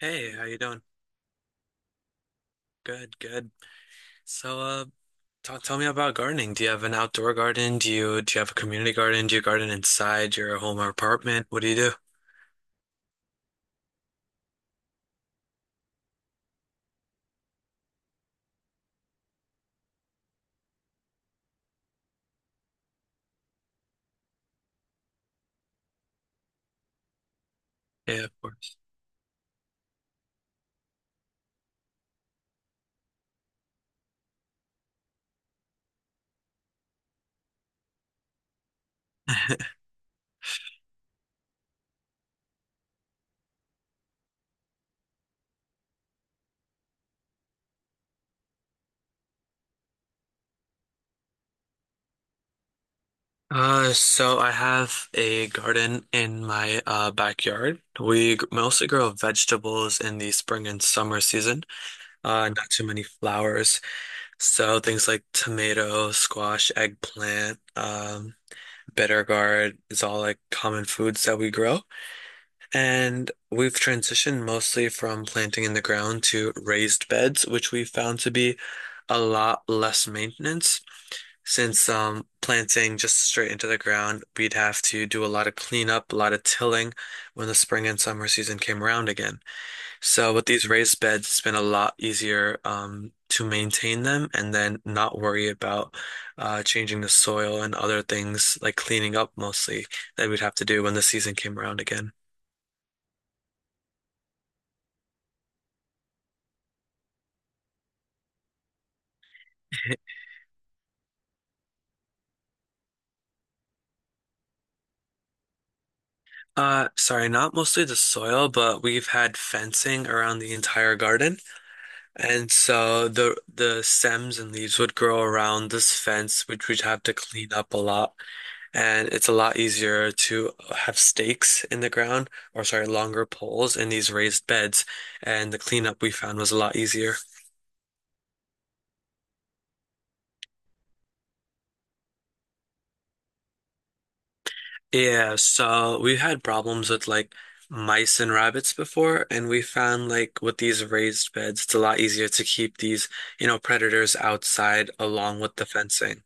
Hey, how you doing? Good, good. So, uh, tell me about gardening. Do you have an outdoor garden? Do you have a community garden? Do you garden inside your home or apartment? What do you do? Yeah, of course. So I have a garden in my backyard. Mostly grow vegetables in the spring and summer season. Not too many flowers. So things like tomato, squash, eggplant, bitter gourd is all like common foods that we grow. And we've transitioned mostly from planting in the ground to raised beds, which we found to be a lot less maintenance. Since planting just straight into the ground, we'd have to do a lot of cleanup, a lot of tilling when the spring and summer season came around again. So with these raised beds, it's been a lot easier to maintain them and then not worry about changing the soil and other things like cleaning up mostly that we'd have to do when the season came around again. Sorry, not mostly the soil, but we've had fencing around the entire garden. And so the stems and leaves would grow around this fence, which we'd have to clean up a lot. And it's a lot easier to have stakes in the ground, or sorry, longer poles in these raised beds. And the cleanup we found was a lot easier. Yeah, so we've had problems with like mice and rabbits before, and we found like with these raised beds, it's a lot easier to keep these, predators outside along with the fencing.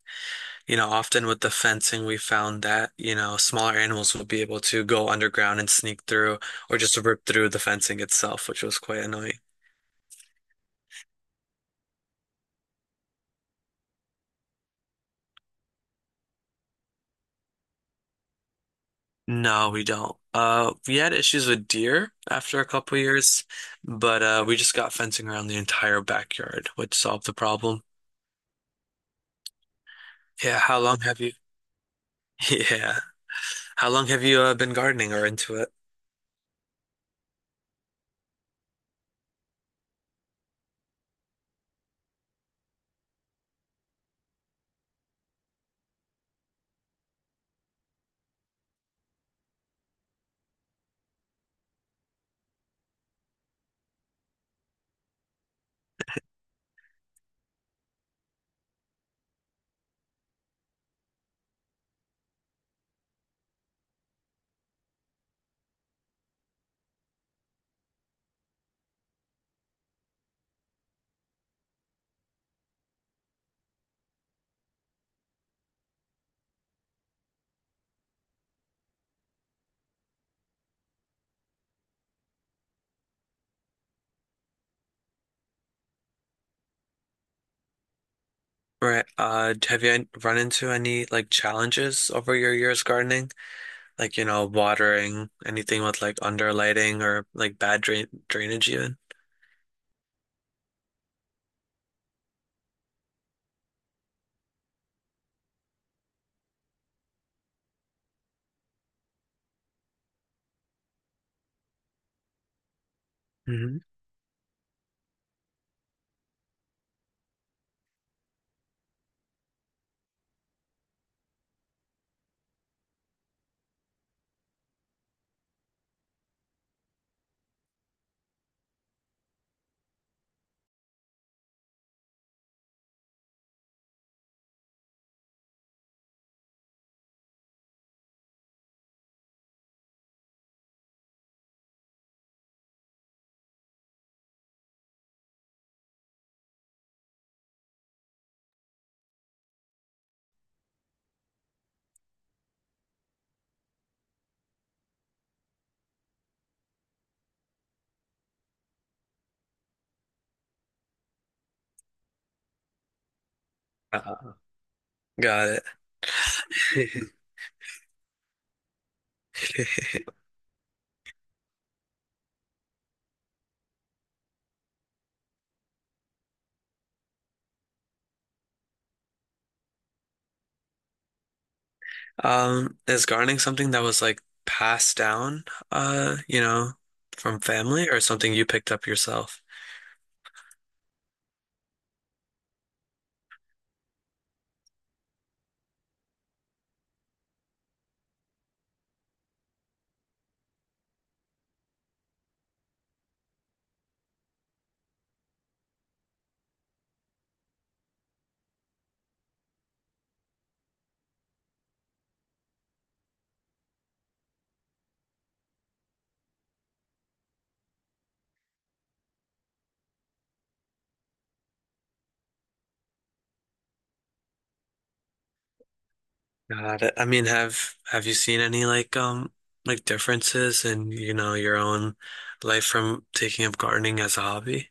Often with the fencing, we found that, smaller animals would be able to go underground and sneak through or just rip through the fencing itself, which was quite annoying. No, we don't. We had issues with deer after a couple years, but we just got fencing around the entire backyard, which solved the problem. Yeah, how long have you yeah. How long have you been gardening or into it? Right. Have you run into any like challenges over your years gardening? Like, watering, anything with like under lighting or like bad drainage even? Hmm. Uh, got it. Is gardening something that was like passed down, uh, you know, from family or something you picked up yourself? Got it. I mean, have you seen any like differences in, your own life from taking up gardening as a hobby?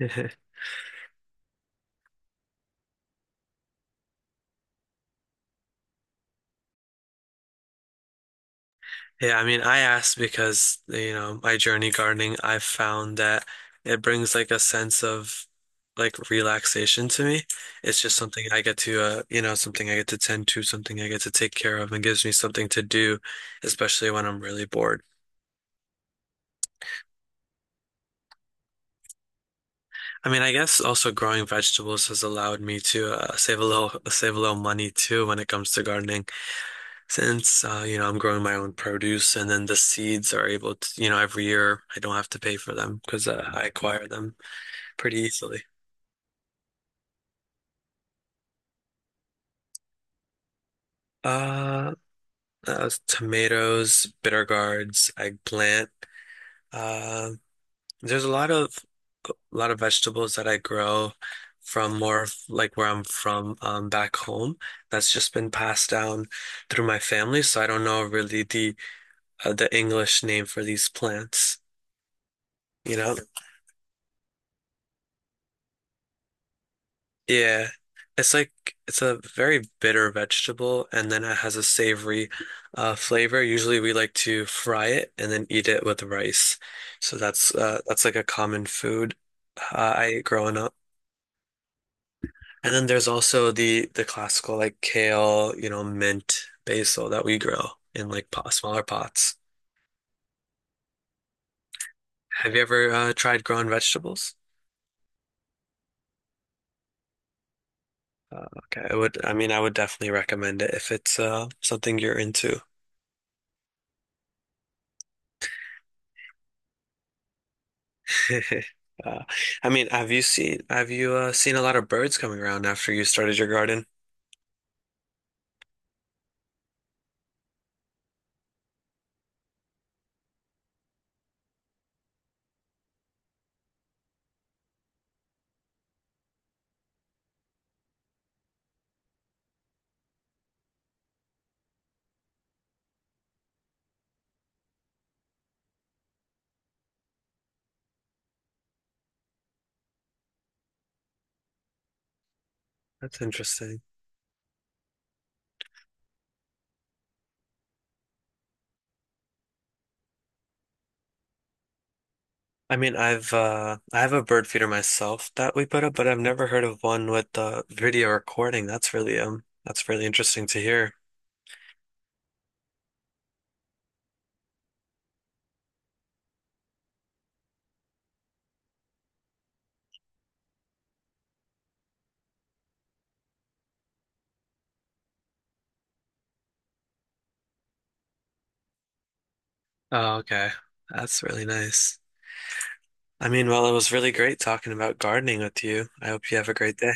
Yeah, I mean, I asked because, my journey gardening, I've found that it brings like a sense of like relaxation to me. It's just something I get to something I get to tend to, something I get to take care of and gives me something to do, especially when I'm really bored. I mean, I guess also growing vegetables has allowed me to save a little save a little money too when it comes to gardening. Since I'm growing my own produce and then the seeds are able to, every year I don't have to pay for them because I acquire them pretty easily. Uh, tomatoes, bitter gourds, eggplant. um, There's a lot of vegetables that I grow from more of like where I'm from back home. That's just been passed down through my family, so I don't know really the English name for these plants. You know, yeah, it's like it's a very bitter vegetable, and then it has a savory flavor. Usually, we like to fry it and then eat it with rice. So that's like a common food I ate growing up. And then there's also the classical like kale, mint, basil that we grow in smaller pots. Have you ever tried growing vegetables? Okay, I would. I mean, I would definitely recommend it if it's something you're into. Uh, I mean, have you seen a lot of birds coming around after you started your garden? That's interesting. I mean, I've I have a bird feeder myself that we put up, but I've never heard of one with video recording. That's really interesting to hear. Oh, okay. That's really nice. I mean, well, it was really great talking about gardening with you. I hope you have a great day.